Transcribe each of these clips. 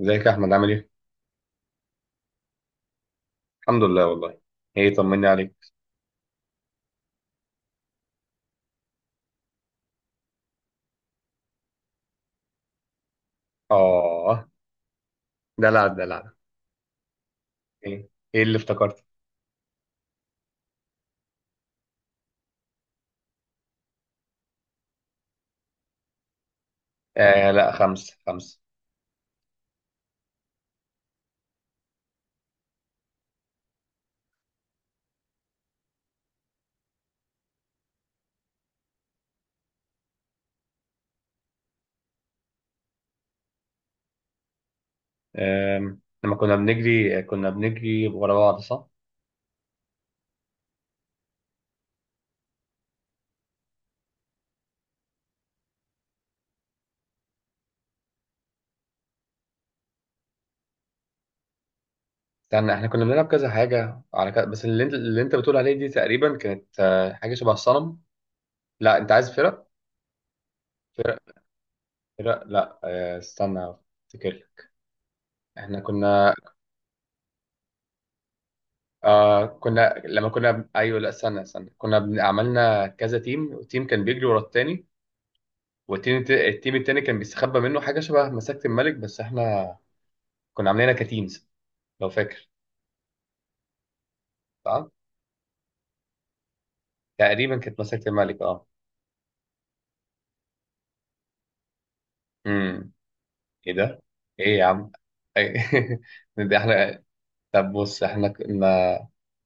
ازيك يا احمد؟ عامل ايه؟ الحمد لله والله. ايه، طمني عليك. اه دلع دلع. ايه ايه اللي افتكرته؟ آه لا، خمسة خمسة. لما كنا بنجري، كنا بنجري ورا بعض، صح؟ استنى، احنا كنا بنلعب كذا حاجة على كذا، بس اللي انت بتقول عليه دي تقريبا كانت حاجة شبه الصنم. لا، انت عايز فرق؟ فرق. فرق لا، استنى. افتكر. احنا كنا كنا، لما كنا، ايوه، لا استنى استنى، كنا عملنا كذا تيم تيم كان بيجري ورا التاني. والتيم التيم التاني كان بيستخبى منه، حاجة شبه مساكة الملك، بس احنا كنا عاملينها كتيمز لو فاكر. صح؟ تقريبا كانت مساكة الملك، اه. امم. ايه ده؟ ايه يا عم؟ إيه؟ ده احنا. طب بص، احنا كنا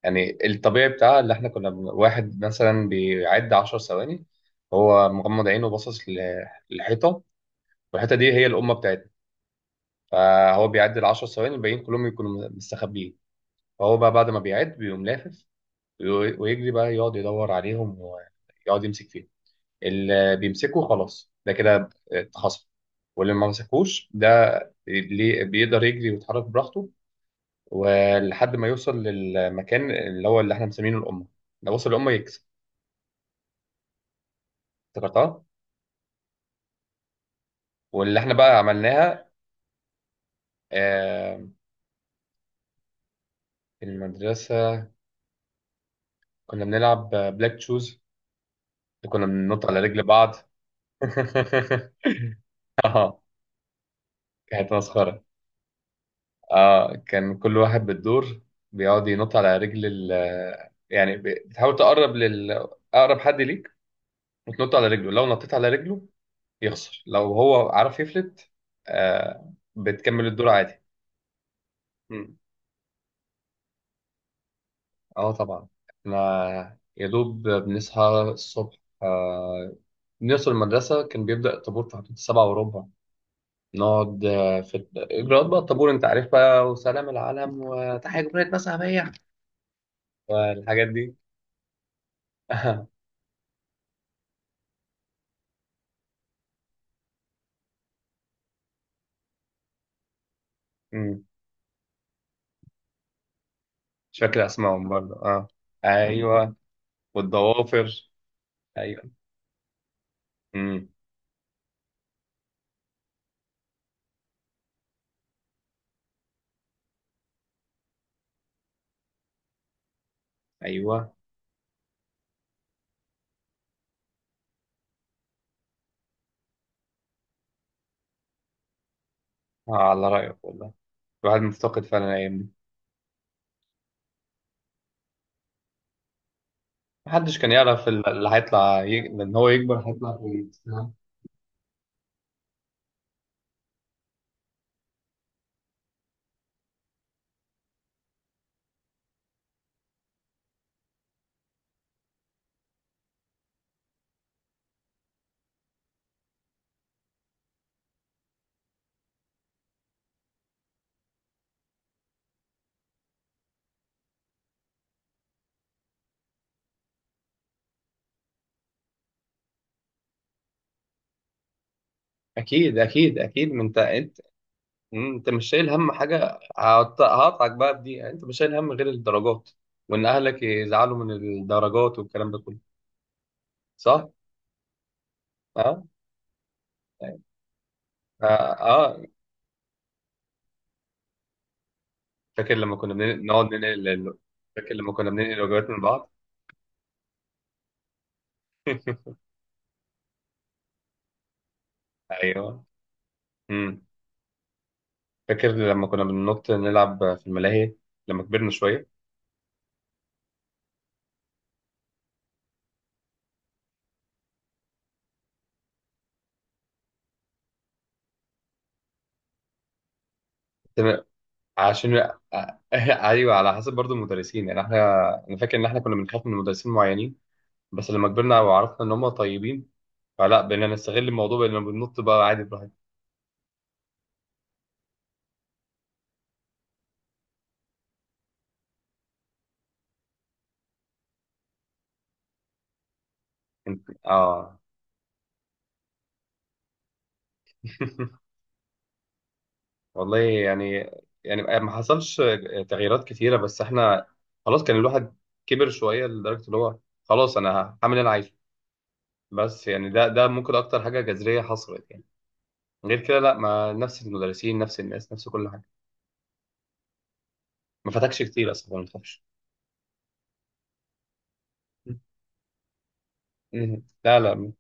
يعني الطبيعي بتاع اللي احنا كنا واحد مثلا بيعد 10 ثواني، هو مغمض عينه وباصص للحيطة. والحيطة دي هي الأمة بتاعتنا. فهو بيعد ال 10 ثواني، الباقيين كلهم يكونوا مستخبيين. فهو بقى بعد ما بيعد بيقوم لافف، ويجري بقى يقعد يدور عليهم ويقعد يمسك فيهم. اللي بيمسكه خلاص ده كده اتخصم، واللي ما مسكوش ده بيقدر يجري ويتحرك براحته ولحد ما يوصل للمكان اللي هو اللي احنا مسمينه الأمة. لو وصل الأمة يكسب. افتكرتها. واللي احنا بقى عملناها، آه، في المدرسة كنا بنلعب بلاك تشوز، كنا بننط على رجل بعض. اه، كانت مسخرة. اه كان كل واحد بالدور بيقعد ينط على رجل ال، يعني بتحاول تقرب لل، اقرب حد ليك وتنط على رجله. لو نطيت على رجله يخسر، لو هو عرف يفلت بتكمل الدور عادي. مم. اه طبعا، احنا يا دوب بنصحى الصبح، آه بنوصل المدرسة كان بيبدأ الطابور في حدود السبعة وربع. نقعد في الإجراءات بقى، الطابور أنت عارف بقى، وسلام العالم وتحية جمهورية مصر العربية والحاجات دي. مم. مش فاكر اسمائهم برضه، اه. ايوه، والضوافر. ايوه. امم. ايوه. آه، على رايك والله، الواحد مفتقد فعلا الايام دي. محدش كان يعرف اللي هيطلع ان هو يكبر هيطلع كويس، فاهم؟ اكيد اكيد اكيد، ما انت، انت مش شايل هم حاجه، هقطعك بقى، بدي انت مش شايل هم غير الدرجات، وان اهلك يزعلوا من الدرجات والكلام ده كله، صح؟ اه اه، آه. فاكر لما كنا بنقعد ننقل؟ فاكر لما كنا بننقل الوجبات من بعض؟ ايوه. امم. فاكر لما كنا بننط نلعب في الملاهي لما كبرنا شويه؟ كنا- عشان ايوه، على حسب برضو المدرسين، يعني احنا، انا فاكر ان احنا كنا بنخاف من مدرسين معينين. بس لما كبرنا وعرفنا ان هم طيبين فلا، بقينا نستغل الموضوع، بقينا بننط بقى عادي براحتنا. اه. والله يعني، يعني ما حصلش تغييرات كتيره، بس احنا خلاص كان الواحد كبر شويه، لدرجه اللي هو خلاص انا هعمل اللي انا عايزه. بس يعني ده ممكن اكتر حاجه جذريه حصلت يعني. غير كده لا، ما نفس المدرسين نفس الناس نفس كل حاجه. ما فاتكش كتير اصلا، ما تخافش. مم. لا لا.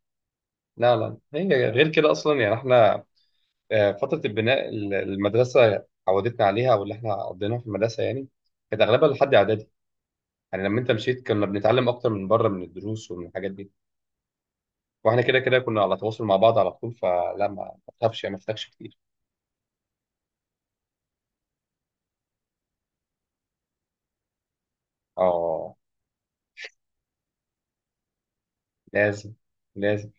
لا لا، هي غير كده اصلا يعني، احنا فتره البناء المدرسه عودتنا عليها، واللي احنا قضيناها في المدرسه يعني كانت اغلبها لحد اعدادي. يعني لما انت مشيت، كنا بنتعلم اكتر من بره، من الدروس ومن الحاجات دي. واحنا كده كده كنا على تواصل مع بعض على طول، فلا ما تخافش يعني، ما فاتكش كتير. اه. لازم لازم.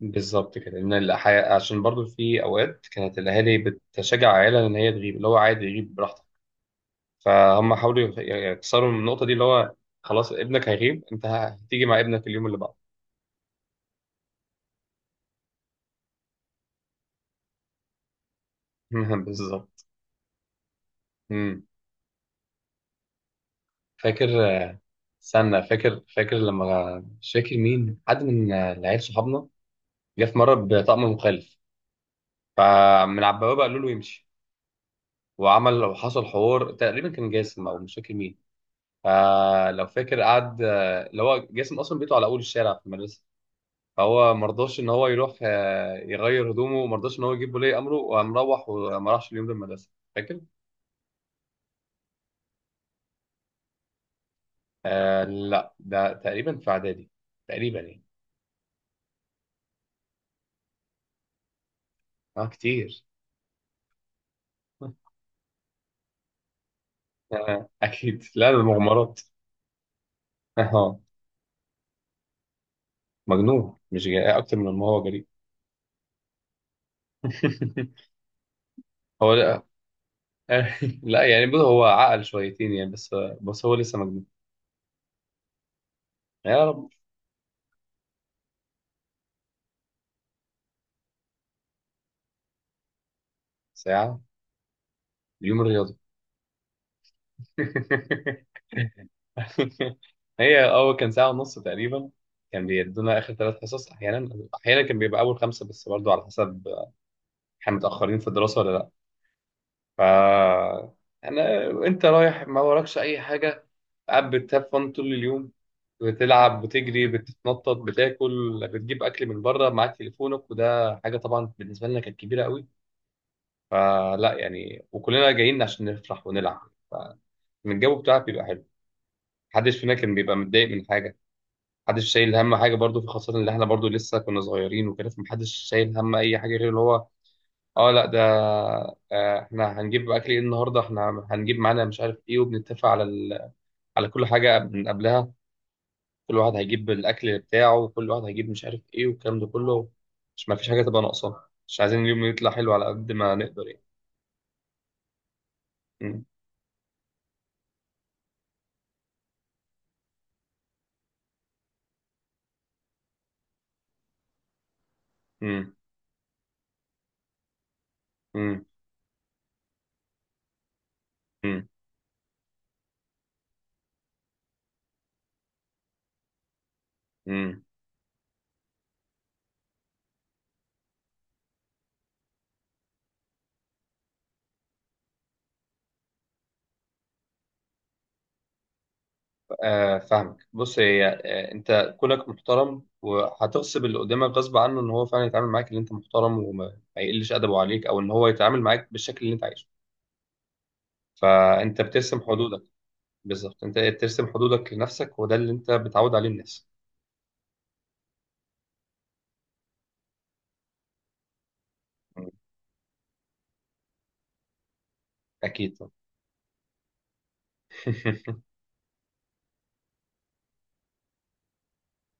بالظبط كده، لان الحياة عشان برضو في اوقات كانت الاهالي بتشجع عيالها ان هي تغيب، اللي هو عادي يغيب براحتك. فهم حاولوا يكسروا من النقطه دي، اللي هو خلاص ابنك هيغيب انت هتيجي مع ابنك اليوم اللي بعده. بالظبط. مم. فاكر. استنى، فاكر لما، مش فاكر، مين حد من العيال صحابنا جه في مره بطقم مخالف، فمن على البوابه قالوا له يمشي. وعمل وحصل حوار، تقريبا كان جاسم او مش فاكر مين، فلو فاكر قعد، اللي هو جاسم اصلا بيته على اول الشارع في المدرسه، فهو ما رضاش ان هو يروح يغير هدومه، وما رضاش ان هو يجيب ولي امره، وقام روح وما راحش اليوم ده المدرسه. فاكر؟ آه لا، ده تقريبا في اعدادي تقريبا، يعني. اه كتير. آه اكيد، لا ده مغامرات. اه مجنون، مش جاي اكتر من ما هو جريء. هو لا آه، لا يعني بص، هو عقل شويتين يعني، بس هو لسه مجنون. يا رب. ساعه. اليوم الرياضي. هي اه كان ساعة ونص تقريبا. كان بيدونا آخر ثلاث حصص أحيانا، أحيانا كان بيبقى أول خمسة، بس برضو على حسب احنا متأخرين في الدراسة ولا لأ. ف أنا، أنت رايح ما وراكش أي حاجة، قاعد بتهفن طول اليوم، بتلعب بتجري بتتنطط بتاكل بتجيب أكل من بره، معاك تليفونك وده حاجة طبعا بالنسبة لنا كانت كبيرة قوي. فلا يعني، وكلنا جايين عشان نفرح ونلعب، فالجو بتاعك بيبقى حلو، محدش فينا كان بيبقى متضايق من حاجة. محدش شايل هم حاجه برضو، في خاصه ان احنا برضو لسه كنا صغيرين وكده، فمحدش شايل هم اي حاجه غير اللي هو اه لا ده احنا هنجيب اكل ايه النهارده، احنا هنجيب معانا مش عارف ايه، وبنتفق على على كل حاجه من قبلها. كل واحد هيجيب الاكل بتاعه، وكل واحد هيجيب مش عارف ايه والكلام ده كله، مش ما فيش حاجه تبقى ناقصه، مش عايزين اليوم يطلع حلو على قد ما نقدر يعني. م- م- م- م- م. فاهمك. بص، هي انت كونك محترم وهتغصب اللي قدامك غصب عنه ان هو فعلا يتعامل معاك ان انت محترم، وما ما يقلش ادبه عليك او ان هو يتعامل معاك بالشكل اللي انت عايزه، فانت بترسم حدودك. بالظبط، انت بترسم حدودك لنفسك وده اللي انت بتعود عليه الناس. مم. اكيد طبعا.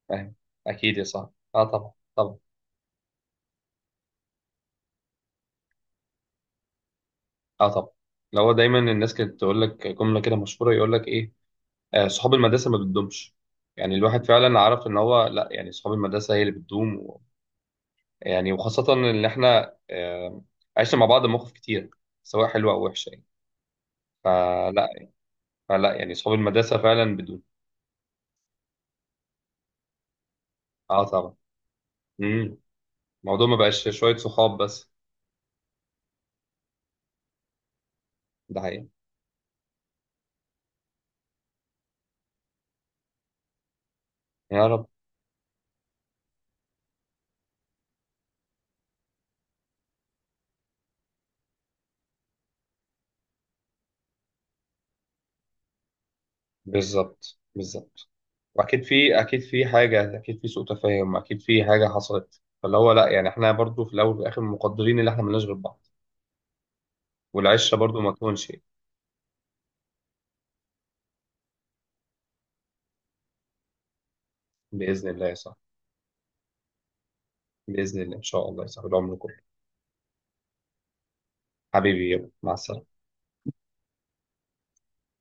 فاهم. اكيد يا صاحبي، اه طبعا طبعا. اه طبعا. لو هو دايما الناس كانت تقول لك جمله كده مشهوره، يقول لك ايه، آه صحاب المدرسه ما بتدومش. يعني الواحد فعلا عرف ان هو لا، يعني صحاب المدرسه هي اللي بتدوم. يعني وخاصة إن إحنا عشنا مع بعض مواقف كتير، سواء حلوة أو وحشة يعني. فلا. فلا يعني صحاب المدرسة فعلا بدون. أه طبعا. امم. الموضوع ما بقاش شوية صحاب بس. ده حقيقي. يا رب. بالظبط بالظبط. وأكيد في، أكيد في حاجة، أكيد في سوء تفاهم، أكيد في حاجة حصلت فاللي هو لا، يعني إحنا برضو في الأول وفي الآخر مقدرين إن إحنا ملناش غير بعض. والعشرة برضو ما تكونش. بإذن الله يا صاحبي. بإذن الله إن شاء الله يا صاحبي العمر كله. حبيبي يلا مع السلامة.